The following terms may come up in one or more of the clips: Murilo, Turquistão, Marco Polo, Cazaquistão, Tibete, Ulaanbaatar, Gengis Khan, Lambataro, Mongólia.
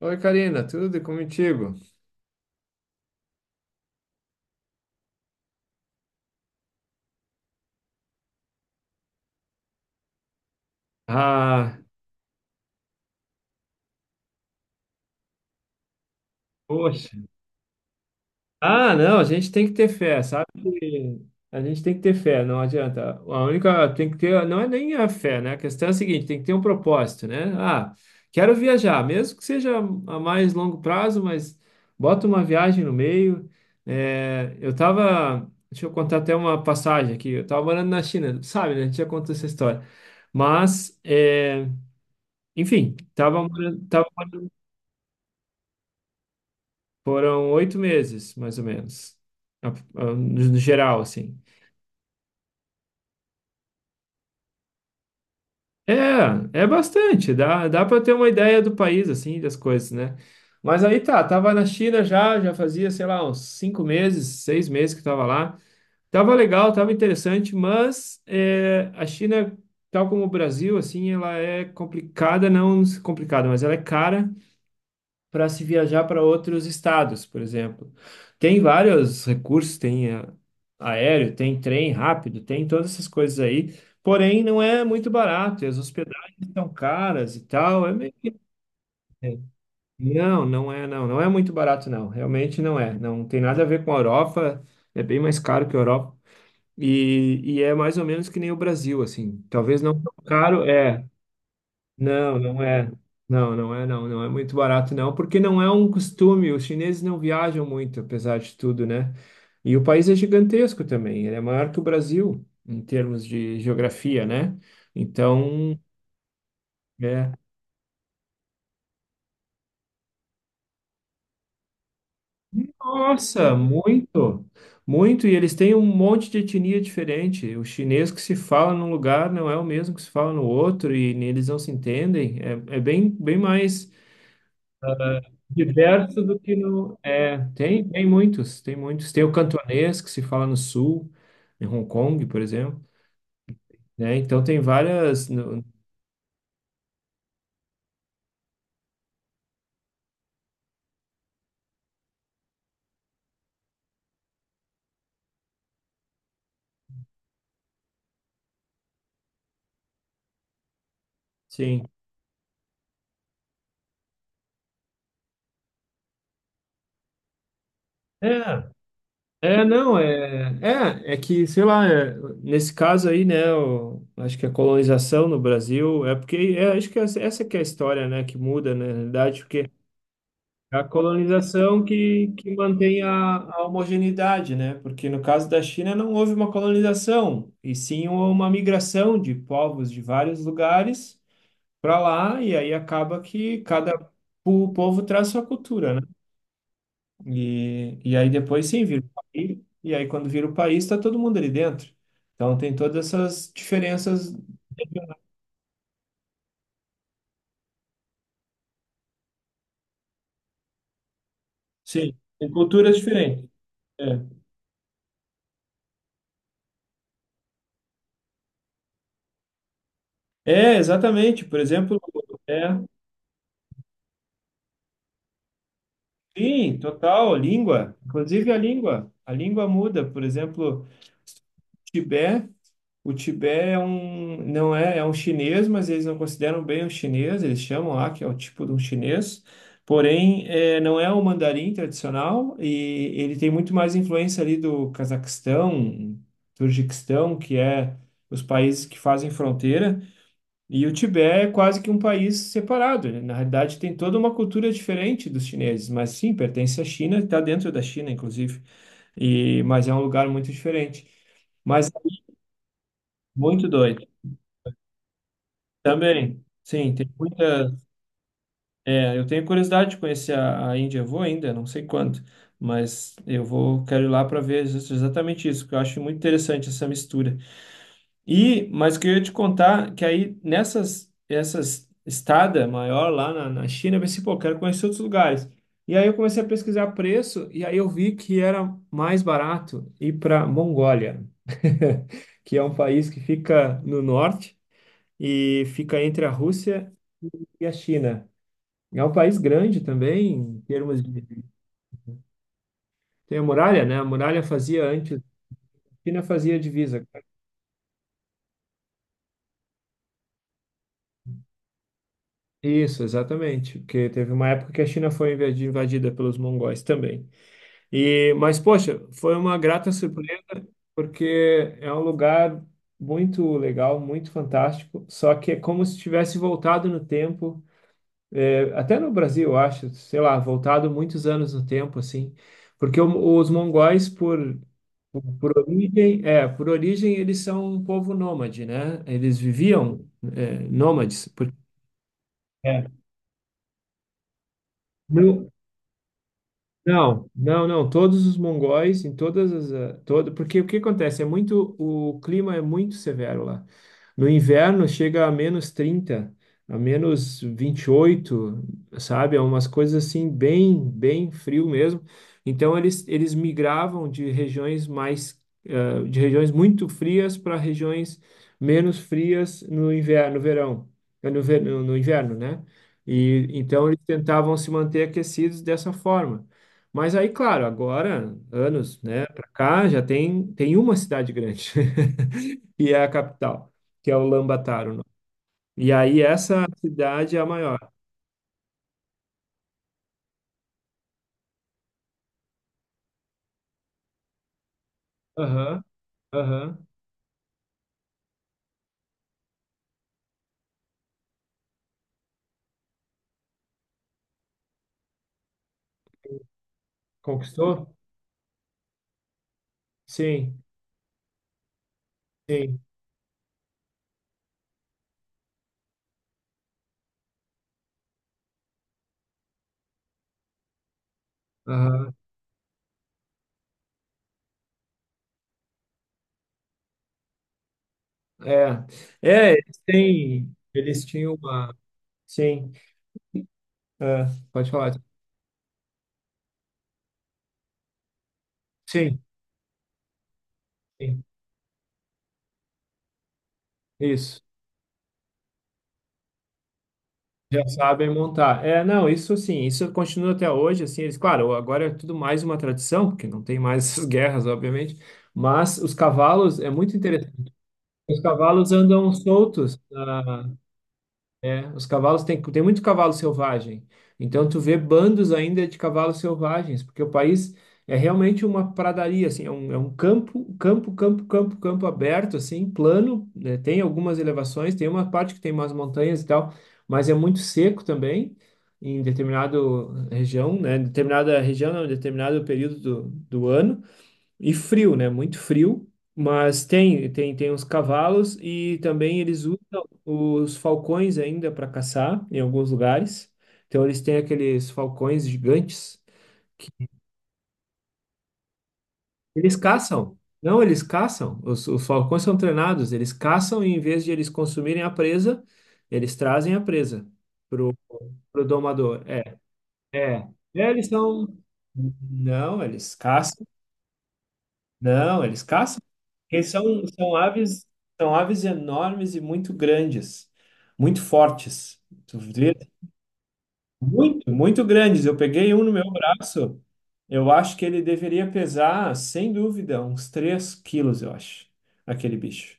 Oi, Karina, tudo e contigo? Ah, poxa. Ah, não, a gente tem que ter fé, sabe? Que A gente tem que ter fé, não adianta. A única tem que ter, não é nem a fé, né? A questão é a seguinte, tem que ter um propósito, né? Ah, quero viajar, mesmo que seja a mais longo prazo, mas bota uma viagem no meio. É, eu tava, deixa eu contar até uma passagem aqui. Eu tava morando na China, sabe, né? A gente já contou essa história. Mas, é, enfim, tava morando, tava. Foram 8 meses, mais ou menos, a- no geral, assim. É bastante, dá para ter uma ideia do país, assim, das coisas, né? Mas aí tá, tava na China já fazia, sei lá, uns 5 meses, 6 meses que tava lá. Tava legal, tava interessante, mas é, a China, tal como o Brasil, assim, ela é complicada, não complicada, mas ela é cara para se viajar para outros estados, por exemplo. Tem vários recursos, tem aéreo, tem trem rápido, tem todas essas coisas aí, porém não é muito barato, e as hospedagens são caras e tal, é meio... Não, não é, não, não é muito barato, não, realmente não é, não tem nada a ver com a Europa, é bem mais caro que a Europa, e é mais ou menos que nem o Brasil, assim, talvez não tão caro, é, não, não é. Não, não é, não. Não é muito barato, não, porque não é um costume. Os chineses não viajam muito, apesar de tudo, né? E o país é gigantesco também. Ele é maior que o Brasil, em termos de geografia, né? Então, é. Nossa, muito, muito. E eles têm um monte de etnia diferente. O chinês que se fala num lugar não é o mesmo que se fala no outro, e eles não se entendem. É bem, bem mais. Diverso do que no. É, tem muitos, tem muitos. Tem o cantonês, que se fala no sul, em Hong Kong, por exemplo, né? Então tem várias. Sim. É, é, não, é que, sei lá, é, nesse caso aí, né, eu acho que a colonização no Brasil é porque, acho que essa que é a história, né, que muda, né, na realidade, porque É a colonização que mantém a homogeneidade, né? Porque no caso da China não houve uma colonização, e sim uma migração de povos de vários lugares para lá, e aí acaba que cada povo traz sua cultura, né? E aí depois sim vira o país, e aí quando vira o país está todo mundo ali dentro. Então tem todas essas diferenças, sim, tem culturas diferentes. É, É, exatamente. Por exemplo, é. Sim, total, língua. Inclusive a língua. A língua muda. Por exemplo, Tibete, o Tibete é um, não é, é um chinês, mas eles não consideram bem um chinês, eles chamam lá que é o tipo de um chinês. Porém, não é o mandarim tradicional e ele tem muito mais influência ali do Cazaquistão, Turquistão, que é os países que fazem fronteira. E o Tibete é quase que um país separado, né? Na realidade, tem toda uma cultura diferente dos chineses, mas sim, pertence à China, está dentro da China, inclusive, mas é um lugar muito diferente. Mas é muito doido. Também, sim, tem muita. Eu tenho curiosidade de conhecer a Índia, eu vou ainda, não sei quando, mas eu vou, quero ir lá para ver exatamente isso, porque eu acho muito interessante essa mistura. Mas o que eu ia te contar que aí nessas essas estada maior lá na China, eu pensei, pô, quero conhecer outros lugares. E aí eu comecei a pesquisar preço e aí eu vi que era mais barato ir para Mongólia, que é um país que fica no norte e fica entre a Rússia e a China. É um país grande também, em termos de... Tem a muralha, né? A muralha fazia antes, a China fazia divisa. Isso, exatamente, porque teve uma época que a China foi invadida pelos mongóis também. Mas poxa, foi uma grata surpresa porque é um lugar muito legal, muito fantástico, só que é como se tivesse voltado no tempo, é, até no Brasil, eu acho, sei lá, voltado muitos anos no tempo assim, porque os mongóis por origem eles são um povo nômade, né? Eles viviam nômades, porque é, no, Não, não, não. Todos os mongóis, em todas as, todo, porque o que acontece é muito, o clima é muito severo lá. No inverno chega a -30, a -28, sabe? É umas coisas assim bem, bem frio mesmo. Então eles migravam de regiões mais, de regiões muito frias para regiões menos frias no inverno, no verão, no inverno, né? E então eles tentavam se manter aquecidos dessa forma. Mas aí, claro, agora, anos, né, para cá, já tem uma cidade grande, e é a capital, que é o Lambataro, o nome. E aí, essa cidade é a maior. Aham, aham. Conquistou? Sim, sim. Aham. É. É, eles têm, eles tinham uma. Sim, é, pode falar. Sim, sim. Isso. Já sabem montar. É, não, isso sim, isso continua até hoje, assim, eles, claro, agora é tudo mais uma tradição, porque não tem mais essas guerras, obviamente, mas os cavalos, é muito interessante, os cavalos andam soltos os cavalos tem muito cavalo selvagem. Então tu vê bandos ainda de cavalos selvagens, porque o país é realmente uma pradaria, assim, é um campo, campo, campo, campo, campo aberto, assim, plano, né? Tem algumas elevações, tem uma parte que tem umas montanhas e tal, mas é muito seco também em determinada região, né? Determinada região, não, determinado período do ano. E frio, né? Muito frio, mas tem uns cavalos e também eles usam os falcões ainda para caçar em alguns lugares. Então eles têm aqueles falcões gigantes. Eles caçam. Não, eles caçam. Os falcões são treinados. Eles caçam e em vez de eles consumirem a presa, eles trazem a presa pro, pro domador. É. É, eles são. Não, eles caçam. Não, eles caçam. Porque são aves, são aves enormes e muito grandes, muito fortes. Tu vê? Muito, muito grandes. Eu peguei um no meu braço, eu acho que ele deveria pesar, sem dúvida, uns 3 quilos, eu acho, aquele bicho.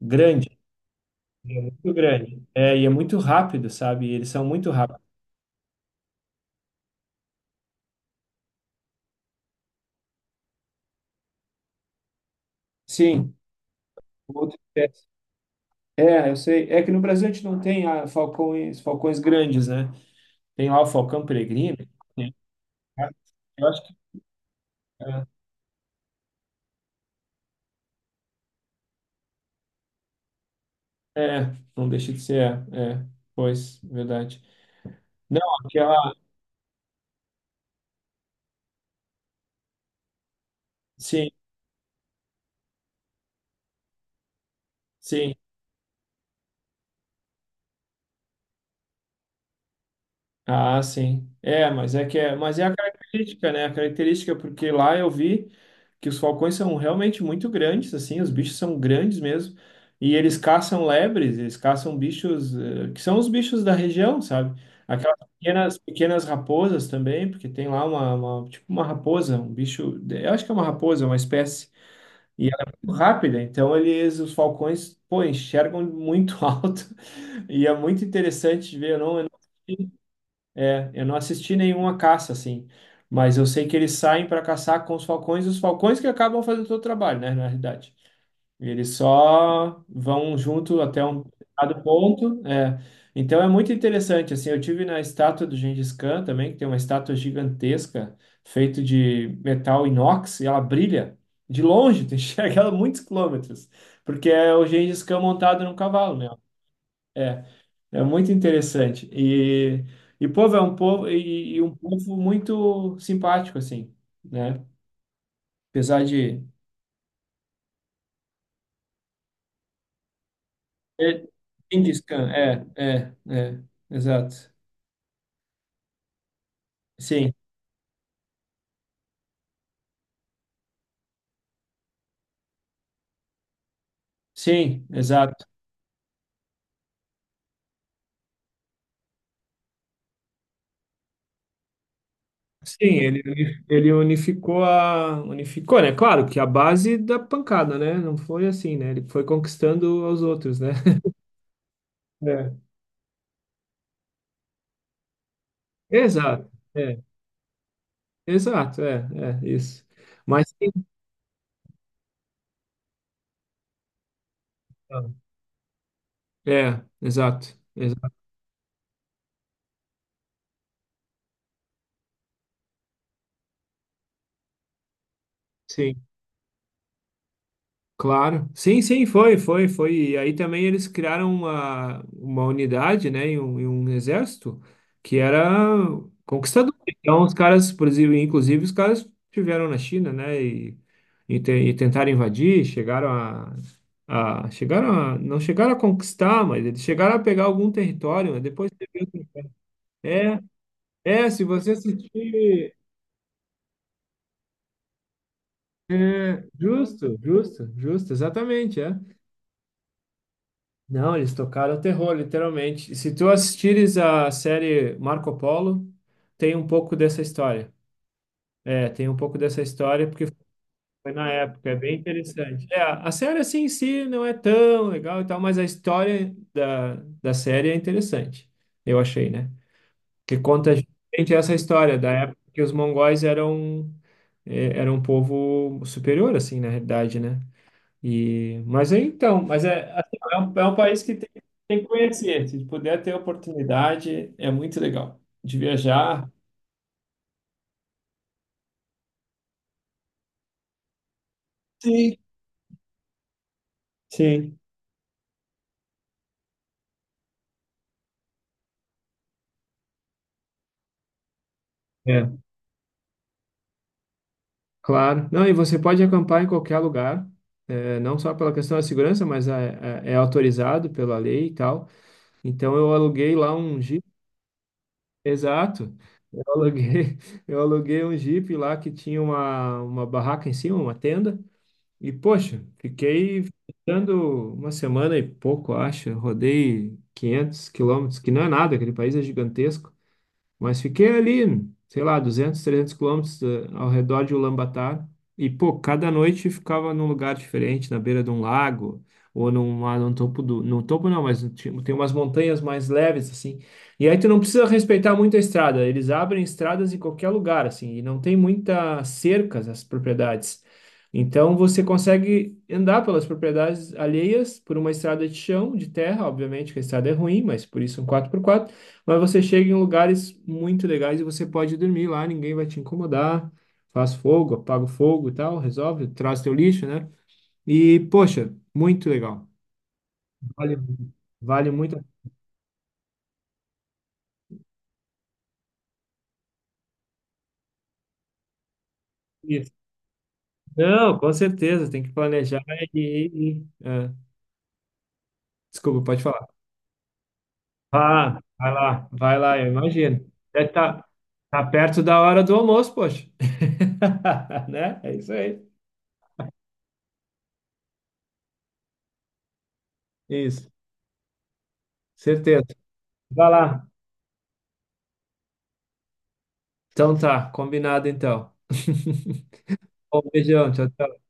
Grande, é muito grande. É, e é muito rápido, sabe? Eles são muito rápidos. Sim, outra espécie. É, eu sei. É que no Brasil a gente não tem falcões grandes, né? Tem lá o falcão peregrino. Ah, eu acho que é, não deixa de ser, é, é, pois, verdade. Não, aquela, sim, sim, sim, é, mas é que é, mas é a característica, né? A característica, é porque lá eu vi que os falcões são realmente muito grandes, assim, os bichos são grandes mesmo, e eles caçam lebres, eles caçam bichos, que são os bichos da região, sabe? Aquelas pequenas, pequenas raposas também, porque tem lá tipo uma raposa, um bicho, eu acho que é uma raposa, uma espécie. E ela é muito rápida, então eles, os falcões, pô, enxergam muito alto. E é muito interessante de ver. Eu não assisti nenhuma caça, assim. Mas eu sei que eles saem para caçar com os falcões, e os falcões que acabam fazendo todo o trabalho, né, na realidade. E eles só vão junto até um determinado ponto. É. Então é muito interessante. Assim, eu tive na estátua do Gengis Khan também, que tem uma estátua gigantesca, feita de metal inox, e ela brilha de longe, tu enxerga ela muitos quilômetros, porque é o Gengis Khan montado num cavalo, né? É, é muito interessante. E povo é um povo e um povo muito simpático, assim, né? Apesar de. É, Genghis é, exato. Sim, sim, exato. Sim, ele unificou a. Unificou, né? Claro que a base da pancada, né? Não foi assim, né? Ele foi conquistando aos outros, né? É. Exato, é, exato, é, isso. Mas sim, é, exato, exato, sim. Claro. Sim, sim, foi, foi, foi. E aí também eles criaram uma unidade, né, e um exército que era conquistador. Então, os caras, por exemplo, inclusive, os caras estiveram na China, né, e tentaram invadir, chegaram a, chegaram a, não chegaram a conquistar, mas eles chegaram a pegar algum território, mas depois teve É, é, se você assistir, é, justo, justo, justo, exatamente, é. Não, eles tocaram terror, literalmente. Se tu assistires a série Marco Polo, tem um pouco dessa história. É, tem um pouco dessa história porque foi na época, é bem interessante. É, a série assim em si não é tão legal e tal, mas a história da série é interessante, eu achei, né? Que conta gente essa história da época que os mongóis eram um povo superior, assim, na realidade, né? Mas é então, mas é, assim, é um país que tem que conhecer. Se puder ter oportunidade, é muito legal de viajar. Sim. Sim, é, claro. Não, e você pode acampar em qualquer lugar, é, não só pela questão da segurança, mas é autorizado pela lei e tal. Então eu aluguei lá um Jeep, exato. Eu aluguei, eu aluguei um Jeep lá que tinha uma barraca em cima, uma tenda. E, poxa, fiquei visitando uma semana e pouco, acho. Rodei 500 quilômetros, que não é nada, aquele país é gigantesco. Mas fiquei ali, sei lá, 200, 300 quilômetros ao redor de Ulaanbaatar. E, pô, cada noite ficava num lugar diferente, na beira de um lago, ou num topo do... No topo não, mas tem umas montanhas mais leves, assim. E aí tu não precisa respeitar muito a estrada. Eles abrem estradas em qualquer lugar, assim. E não tem muita cercas as propriedades. Então você consegue andar pelas propriedades alheias por uma estrada de chão, de terra, obviamente que a estrada é ruim, mas por isso um quatro por quatro. Mas você chega em lugares muito legais e você pode dormir lá, ninguém vai te incomodar. Faz fogo, apaga o fogo e tal, resolve, traz teu lixo, né? E, poxa, muito legal. Vale, vale muito a pena. Não, com certeza, tem que planejar e. e- é. Desculpa, pode falar. Ah, vai lá, eu imagino. É tá perto da hora do almoço, poxa. Né? É isso aí. Isso, certeza. Vai lá. Então tá, combinado então. Bom, beijão, tchau, tchau.